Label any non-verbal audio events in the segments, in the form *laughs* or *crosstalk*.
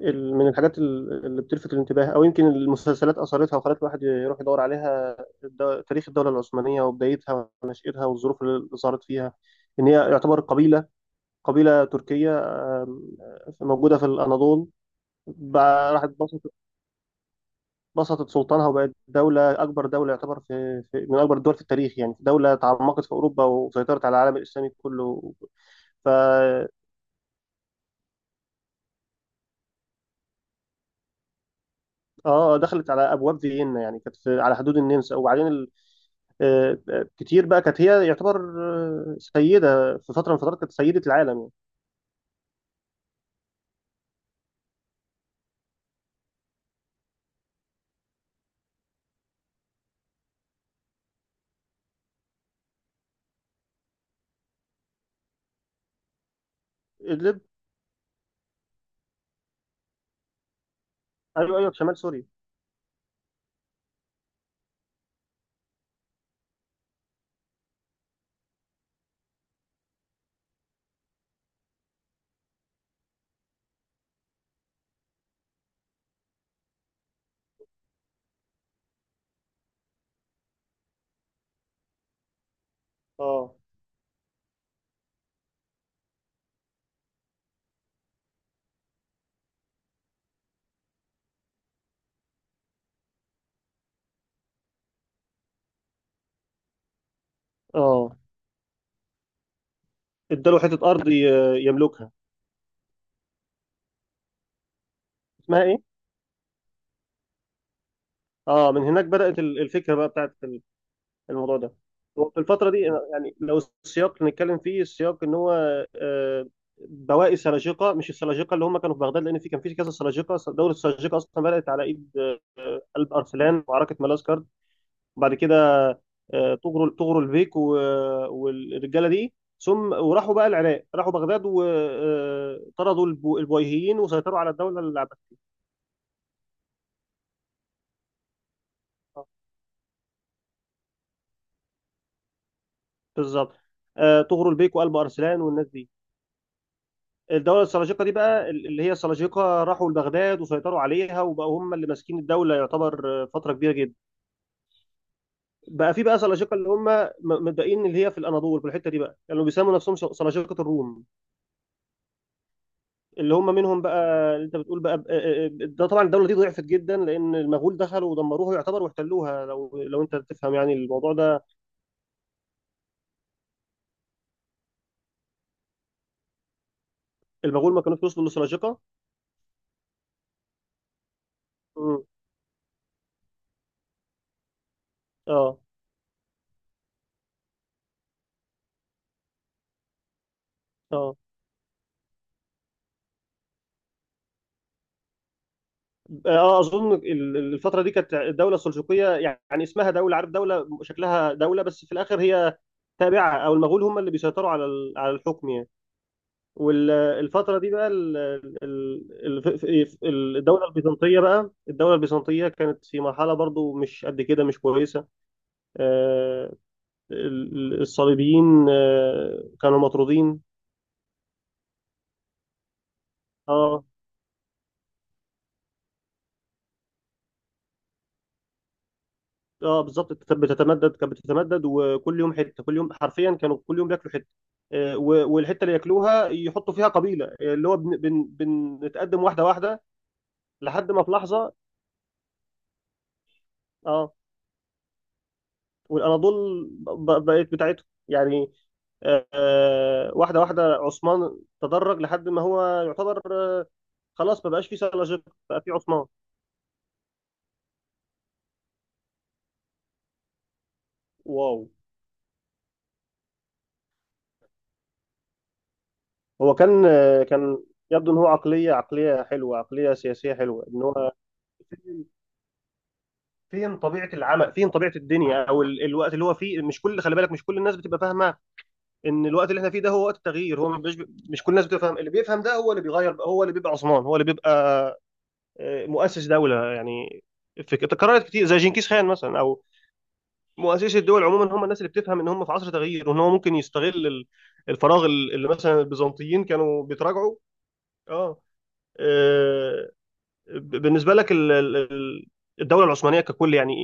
من الحاجات اللي بتلفت الانتباه او يمكن المسلسلات اثرتها وخلت الواحد يروح يدور عليها. تاريخ الدوله العثمانيه وبدايتها ونشاتها والظروف اللي ظهرت فيها، ان هي يعتبر قبيله، قبيله تركيه، آم، موجوده في الاناضول. بقى راحت بسطت سلطانها وبقت دوله، اكبر دوله يعتبر في، من اكبر الدول في التاريخ يعني. دوله تعمقت في اوروبا وسيطرت على العالم الاسلامي كله. ف اه آه، دخلت على ابواب فيينا، يعني كانت في على حدود النمسا وبعدين كتير. بقى كانت هي يعتبر سيدة، في فترة من الفترات كانت سيدة العالم يعني. إدلب. أيوه أيوه، في شمال سوريا. اه. اه. اداله حتة أرض يملكها. اسمها إيه؟ اه، من هناك بدأت الفكرة بقى بتاعت الموضوع ده. وفي الفترة دي يعني لو، السياق اللي نتكلم فيه، السياق إن هو آه، بواقي السلاجقة، مش السلاجقة اللي هم كانوا في بغداد، لأن في كان في كذا سلاجقة. دولة السلاجقة أصلا بدأت على إيد قلب أرسلان وعركة ملازكر، وبعد كده طغروا البيك والرجاله دي. ثم وراحوا بقى العراق، راحوا بغداد وطردوا البويهيين وسيطروا على الدوله العباسيه. بالظبط. طغروا البيك وقلب ارسلان والناس دي. الدوله السلاجقه دي بقى، اللي هي السلاجقه راحوا لبغداد وسيطروا عليها، وبقوا هم اللي ماسكين الدوله يعتبر فتره كبيره جدا. بقى في بقى سلاجقه اللي هم متبقيين، اللي هي في الاناضول في الحته دي، بقى كانوا يعني بيسموا نفسهم سلاجقه الروم. اللي هم منهم بقى، اللي انت بتقول بقى ده، طبعا الدوله دي ضعفت جدا لان المغول دخلوا ودمروها يعتبر واحتلوها، لو انت تفهم يعني الموضوع ده. المغول ما كانوش وصلوا لسلاجقه. امم. اه. اه. اه. اظن الفتره دي كانت الدوله السلجوقيه يعني اسمها دوله، عارف، دوله شكلها دوله بس في الاخر هي تابعه، او المغول هم اللي بيسيطروا على على الحكم يعني. والفتره دي بقى ال- الدوله البيزنطيه بقى، الدوله البيزنطيه كانت في مرحله برضو مش قد كده، مش كويسه. آه، الصليبيين كانوا مطرودين. اه. اه. بالظبط بتتمدد، كانت بتتمدد، وكل يوم حته، كل يوم حرفيا كانوا كل يوم بياكلوا حته والحته اللي ياكلوها يحطوا فيها قبيله اللي هو بن بن بنتقدم واحده واحده لحد ما في لحظه. اه. والاناضول بقت بتاعتهم يعني واحده واحده، عثمان تدرج لحد ما هو يعتبر خلاص ما بقاش فيه سلاجقه، بقى فيه عثمان. واو. هو كان يبدو ان هو عقليه، عقليه حلوه، عقليه سياسيه حلوه، ان هو فين فين طبيعه العمل، فين طبيعه الدنيا، او الوقت اللي هو فيه. مش كل، خلي بالك، مش كل الناس بتبقى فاهمه ان الوقت اللي احنا فيه ده هو وقت التغيير. هو مش كل الناس بتبقى فاهم. اللي بيفهم ده هو اللي بيغير بقى، هو اللي بيبقى عثمان، هو اللي بيبقى مؤسس دوله يعني. في تكررت كتير، زي جنكيز خان مثلا، او مؤسسي الدول عموما هم الناس اللي بتفهم ان هم في عصر تغيير، وان هو ممكن يستغل الفراغ، اللي مثلا البيزنطيين كانوا بيتراجعوا. اه. آه، بالنسبه لك الدوله العثمانيه ككل يعني،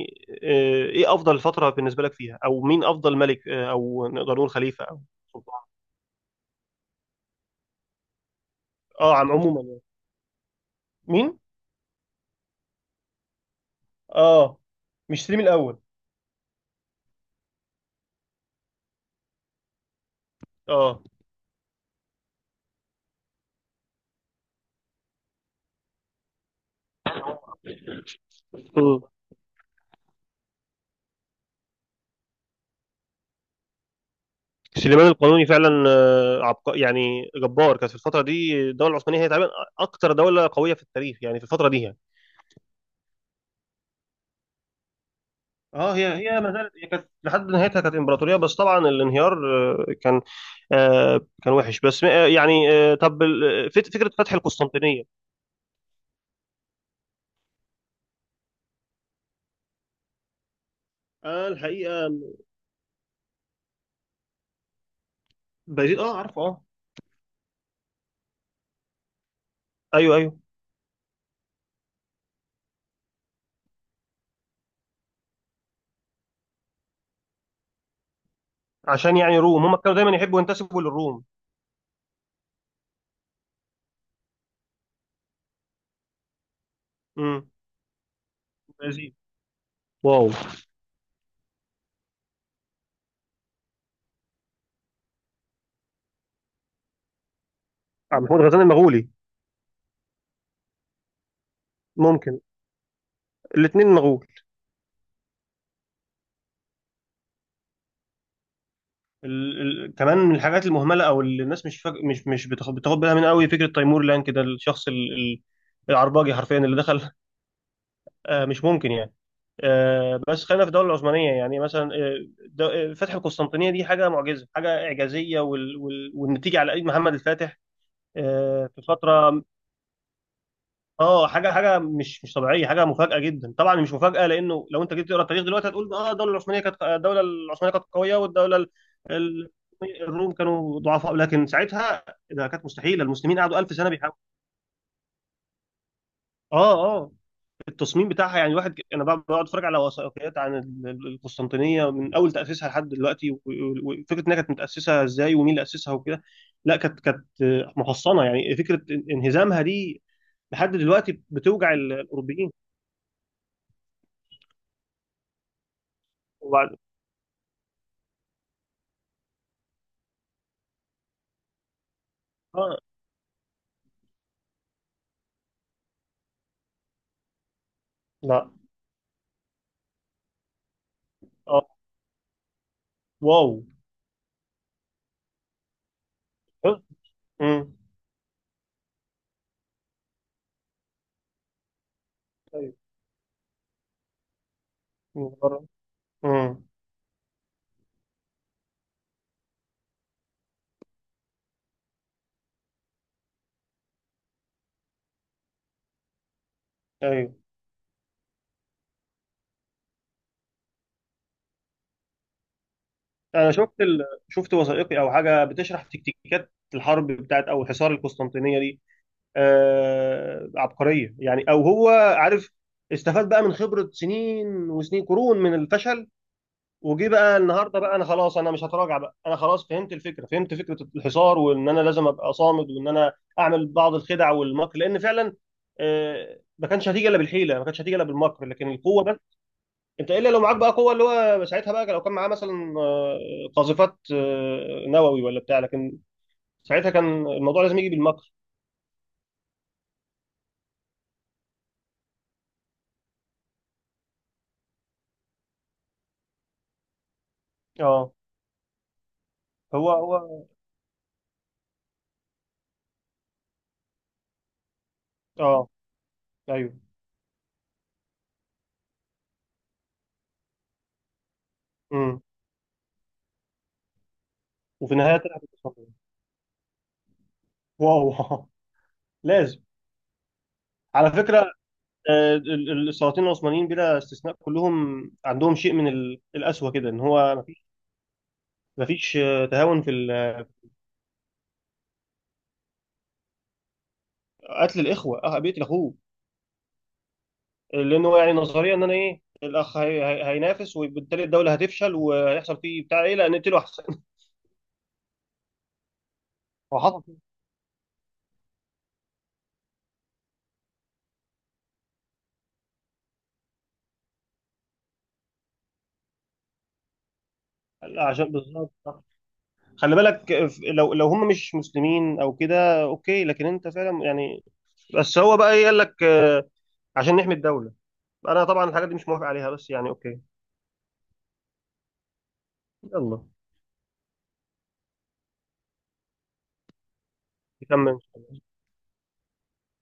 ايه افضل فتره بالنسبه لك فيها، او مين افضل ملك او نقدر نقول خليفه او سلطان. اه، عم عموما يعني. مين؟ اه. مش سليم الاول؟ اه. مم. سليمان القانوني فعلا يعني جبار، كانت في الفتره دي الدوله العثمانيه هي تقريبا اكتر دوله قويه في التاريخ يعني، في الفتره دي يعني. اه، هي ما زالت، هي كانت لحد نهايتها كانت امبراطوريه، بس طبعا الانهيار كان كان وحش، بس يعني طب فكره فتح القسطنطينيه. آه الحقيقه. بايزيد، اه، عارفه، اه. ايوه ايوه. عشان يعني روم، هم كانوا دايما يحبوا ينتسبوا للروم. امم. بايزيد. واو. عبد محمود غزنان المغولي. ممكن. الاثنين مغول. كمان من الحاجات المهمله او اللي الناس مش فاك... مش مش بتاخد بالها من قوي، فكره تيمور لانك، ده الشخص العرباجي حرفيا اللي دخل. آه مش ممكن يعني. بس خلينا في الدوله العثمانيه يعني، مثلا فتح القسطنطينيه دي حاجه معجزه، حاجه اعجازيه، والنتيجه على ايد محمد الفاتح. في فتره. اه، حاجه مش طبيعيه، حاجه مفاجاه جدا، طبعا مش مفاجاه لانه لو انت جيت تقرا التاريخ دلوقتي هتقول اه، الدوله العثمانيه كانت قويه ال- الروم كانوا ضعفاء، لكن ساعتها ده كانت مستحيله. المسلمين قعدوا 1000 سنه بيحاولوا. اه. اه. التصميم بتاعها يعني، الواحد انا بقعد، بقعد اتفرج على وثائقيات عن القسطنطينيه، من اول تاسيسها لحد دلوقتي، وفكره انها كانت متاسسه ازاي، ومين اللي اسسها وكده. لا، كانت محصنه، يعني فكره انهزامها دي لحد دلوقتي بتوجع الاوروبيين. وبعد، اه، لا، اه، واو، امم، ايوه، من بره. امم. ايوه. انا شفت شفت وثائقي او حاجه بتشرح تكتيكات الحرب بتاعت او حصار القسطنطينيه دي. عبقريه يعني، او هو، عارف، استفاد بقى من خبره سنين وسنين، قرون من الفشل. وجي بقى النهارده بقى، انا خلاص، انا مش هتراجع بقى. انا خلاص فهمت الفكره، فهمت فكره الحصار، وان انا لازم ابقى صامد، وان انا اعمل بعض الخدع والمكر، لان فعلا ما كانش هتيجي الا بالحيله، ما كانش هتيجي الا بالمكر، لكن القوه بس، انت الا لو معاك بقى قوه، اللي هو ساعتها بقى لو كان معاه مثلا قاذفات نووي ولا بتاع، لكن ساعتها كان الموضوع لازم يجي بالمكر. اه. هو. اه. ايوه. امم. وفي النهايه طلعت الاسماعيليه. واو. *laughs* لازم. على فكره السلاطين العثمانيين بلا استثناء كلهم عندهم شيء من القسوه كده، ان هو مفيش، مفيش تهاون في قتل الاخوه. اه، بيقتل اخوه. لان هو يعني نظريا ان انا، ايه، الاخ هينافس وبالتالي الدوله هتفشل وهيحصل فيه بتاع، ايه، لا نقتله احسن. *laughs* هو حصل كده. عشان، بالظبط، صح. خلي بالك لو هم مش مسلمين او كده اوكي، لكن انت فعلا يعني. بس هو بقى، ايه قال لك، عشان نحمي الدوله. انا طبعا الحاجات دي مش موافق عليها، بس يعني اوكي. يلا نكمل.